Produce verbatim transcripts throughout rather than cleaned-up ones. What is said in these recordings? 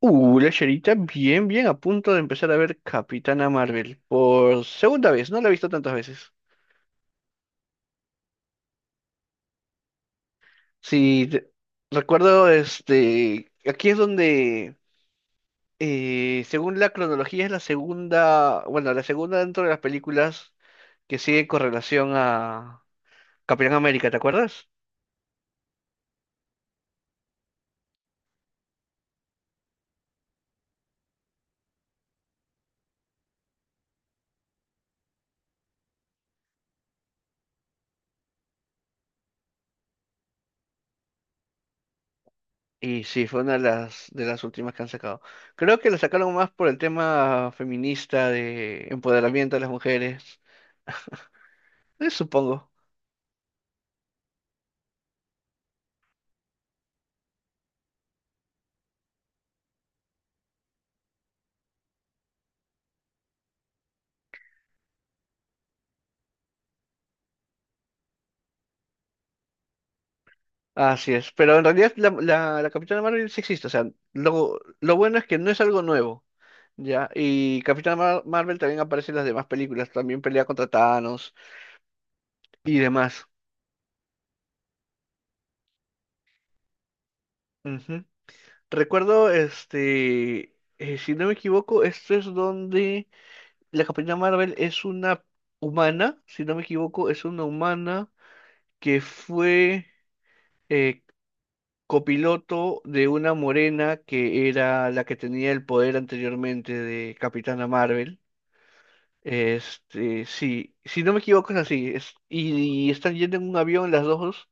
Uh, lecherita, bien, bien, a punto de empezar a ver Capitana Marvel por segunda vez, no la he visto tantas veces. Sí, te- recuerdo, este, aquí es donde, eh, según la cronología, es la segunda, bueno, la segunda dentro de las películas que sigue con relación a Capitán América, ¿te acuerdas? Y sí, fue una de las, de las últimas que han sacado. Creo que la sacaron más por el tema feminista de empoderamiento de las mujeres, eh, supongo. Así es, pero en realidad la, la, la Capitana Marvel sí existe, o sea, lo, lo bueno es que no es algo nuevo, ¿ya? Y Capitana Mar- Marvel también aparece en las demás películas, también pelea contra Thanos y demás. Ujú. Recuerdo, este, eh, si no me equivoco, esto es donde la Capitana Marvel es una humana, si no me equivoco, es una humana que fue eh, copiloto de una morena que era la que tenía el poder anteriormente de Capitana Marvel. Este, sí, si no me equivoco es así. Es, y, y están yendo en un avión las dos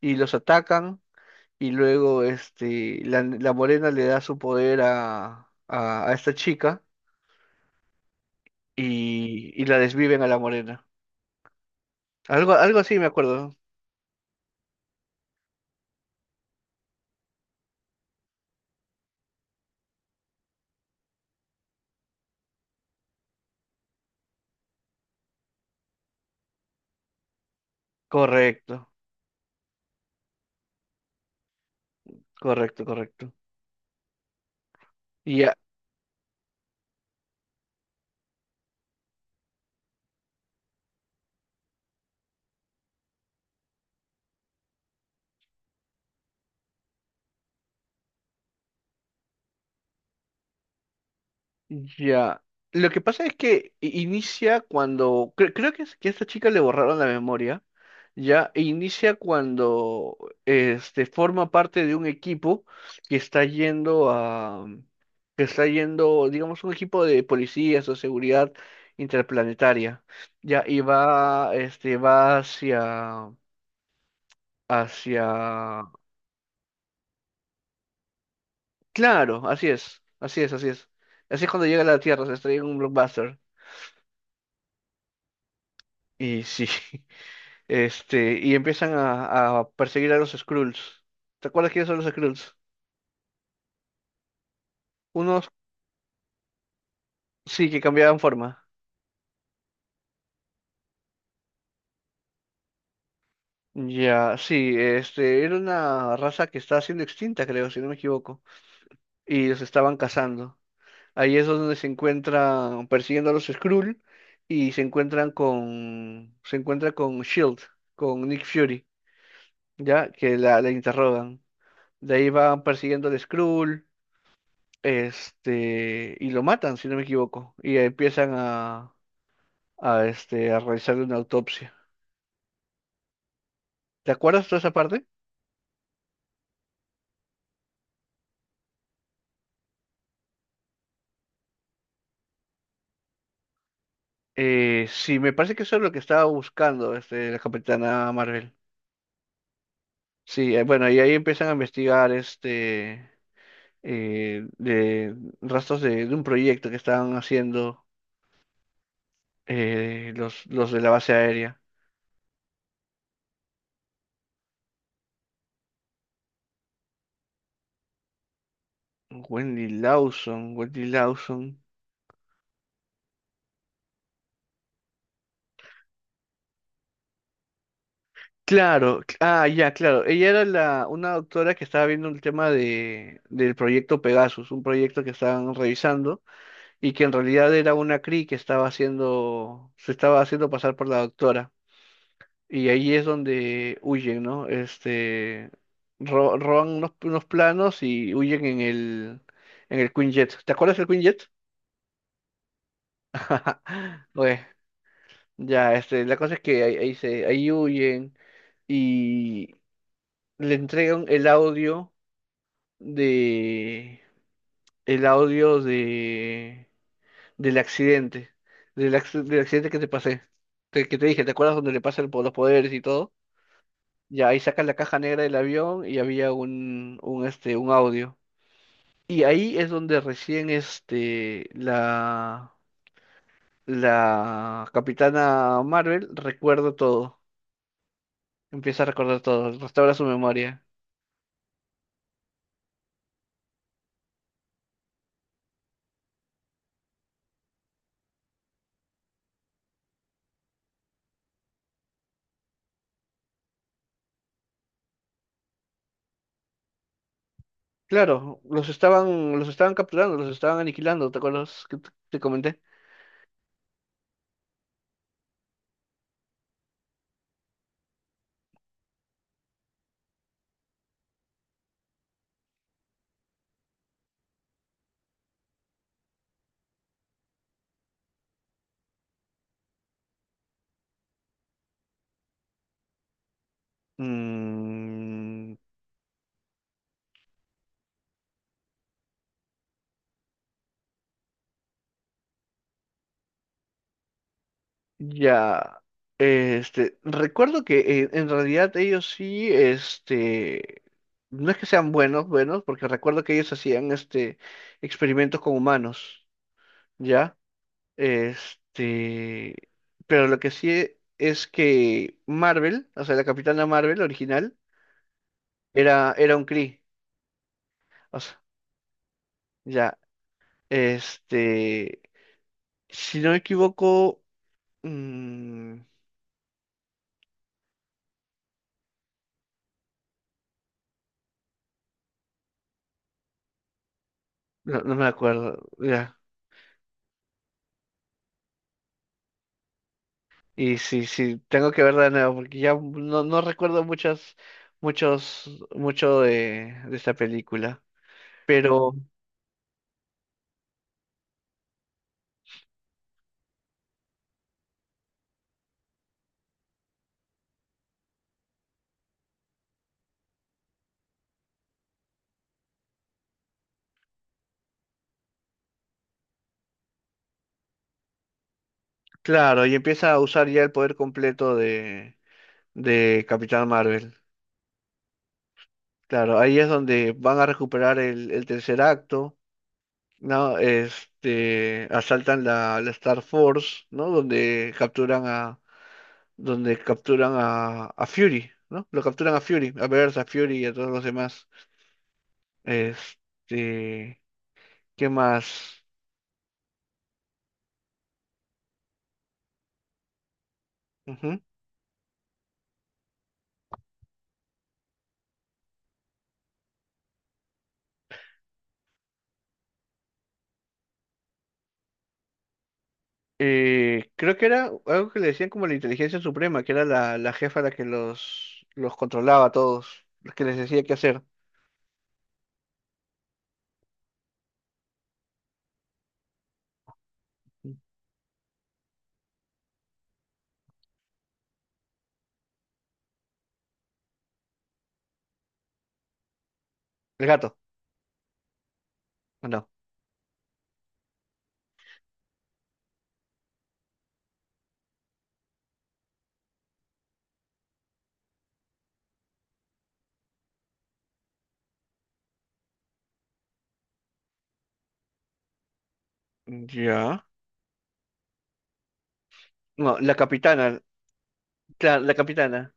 y los atacan y luego este, la, la morena le da su poder a, a, a esta chica y, y la desviven a la morena. Algo, algo así me acuerdo, ¿no? Correcto, correcto, correcto. Y, ya. Lo que pasa es que i- inicia cuando, cre- creo que, es- que a esta chica le borraron la memoria, ya, e inicia cuando este forma parte de un equipo que está yendo a, que está yendo, digamos, un equipo de policías o seguridad interplanetaria, ya, y va, este, va hacia, hacia, claro, así es, así es, así es. Así es cuando llega a la Tierra, se estrella en un blockbuster. Y sí. Este, y empiezan a, a perseguir a los Skrulls. ¿Te acuerdas quiénes son los Skrulls? Unos sí que cambiaban forma. Ya, sí, este, era una raza que estaba siendo extinta, creo, si no me equivoco, y los estaban cazando. Ahí es donde se encuentran persiguiendo a los Skrull y se encuentran con, se encuentra con Shield, con Nick Fury, ya, que la, la interrogan. De ahí van persiguiendo al Skrull, este, y lo matan, si no me equivoco, y empiezan a, a, este, a realizarle una autopsia. ¿Te acuerdas de esa parte? Eh, sí, me parece que eso es lo que estaba buscando este, la Capitana Marvel. Sí, eh, bueno, y ahí empiezan a investigar este, eh, de rastros de, de un proyecto que estaban haciendo eh, los, los de la base aérea. Wendy Lawson, Wendy Lawson. Claro, cl- ah, ya, claro. Ella era la, una doctora que estaba viendo el tema de, del proyecto Pegasus, un proyecto que estaban revisando y que en realidad era una Cree que estaba haciendo, se estaba haciendo pasar por la doctora. Y ahí es donde huyen, ¿no? Este, ro- roban unos, unos planos y huyen en el, en el Quinjet. ¿Te acuerdas del Quinjet? Bueno, ya, este, la cosa es que ahí, ahí se, ahí huyen y le entregan el audio de, el audio de del accidente, del, acc- del accidente que te pasé, te- que te dije, ¿te acuerdas donde le pasan po- los poderes y todo? Ya ahí sacas la caja negra del avión y había un, un, este, un audio. Y ahí es donde recién este, la, la Capitana Marvel recuerda todo, empieza a recordar todo, restaura su memoria. Claro, los estaban, los estaban capturando, los estaban aniquilando, ¿te acuerdas que te te comenté? Mm, ya, este, recuerdo que eh, en realidad ellos sí, este, no es que sean buenos, buenos, porque recuerdo que ellos hacían, este, experimentos con humanos, ¿ya? Este, pero lo que sí es que Marvel, o sea, la Capitana Marvel original, era, era un Kree, o sea, ya, este, si no me equivoco, mm, no, no me acuerdo, ya. Y sí, sí, tengo que ver de nuevo, porque ya no, no recuerdo muchas, muchos, mucho de, de esta película. Pero, claro, y empieza a usar ya el poder completo de, de Capitán Marvel. Claro, ahí es donde van a recuperar el, el tercer acto, ¿no? Este, asaltan la, la Star Force, ¿no? Donde capturan a, donde capturan a, a Fury, ¿no? Lo capturan a Fury, a Bears, a Fury y a todos los demás. Este. ¿Qué más? Ujú. Eh, creo que era algo que le decían como la inteligencia suprema, que era la, la jefa la que los, los controlaba a todos, los que les decía qué hacer. El gato, ¿o no? Ya. No, la capitana, claro, la capitana.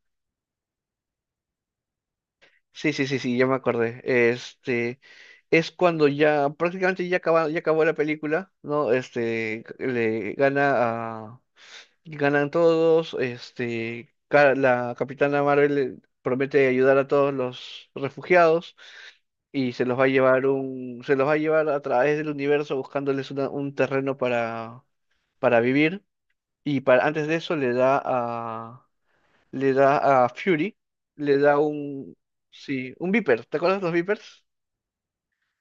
Sí, sí, sí, sí, ya me acordé. Este, es cuando ya prácticamente ya acaba, ya acabó la película, ¿no? Este, le gana a. Ganan todos, este, ca- la Capitana Marvel eh, promete ayudar a todos los refugiados y se los va a llevar un, se los va a llevar a través del universo buscándoles una- un terreno para, para vivir. Y para, antes de eso le da a, le da a Fury, le da un, sí, un Viper. ¿Te acuerdas los Vipers?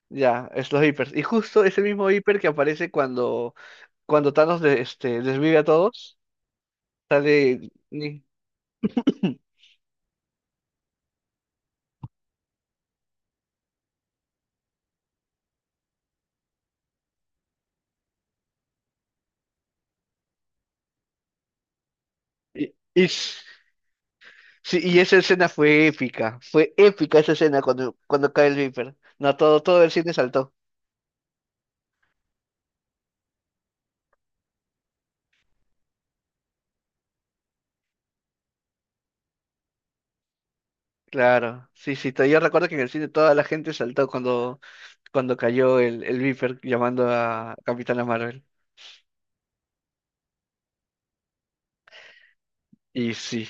Ya, es los Vipers. Y justo ese mismo Viper que aparece cuando, cuando Thanos de- este, desvive a todos, sale Nick. Y, y s- sí, y esa escena fue épica, fue épica esa escena cuando, cuando cae el Viper. No, todo, todo el cine saltó. Claro, sí, sí, to- yo recuerdo que en el cine toda la gente saltó cuando, cuando cayó el, el Viper llamando a Capitana Marvel. Y sí.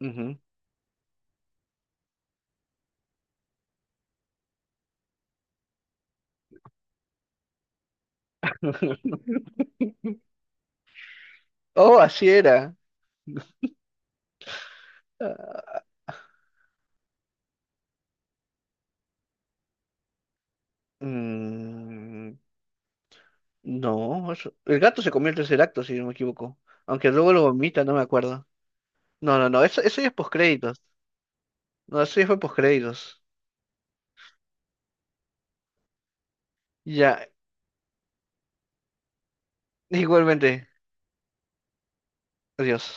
Ujú. Oh, así era. Ah, mm, no, eso- el gato se comió el tercer acto, si no me equivoco. Aunque luego lo vomita, no me acuerdo. No, no, no, eso, eso ya es postcréditos. No, eso ya fue postcréditos. Ya, igualmente, adiós.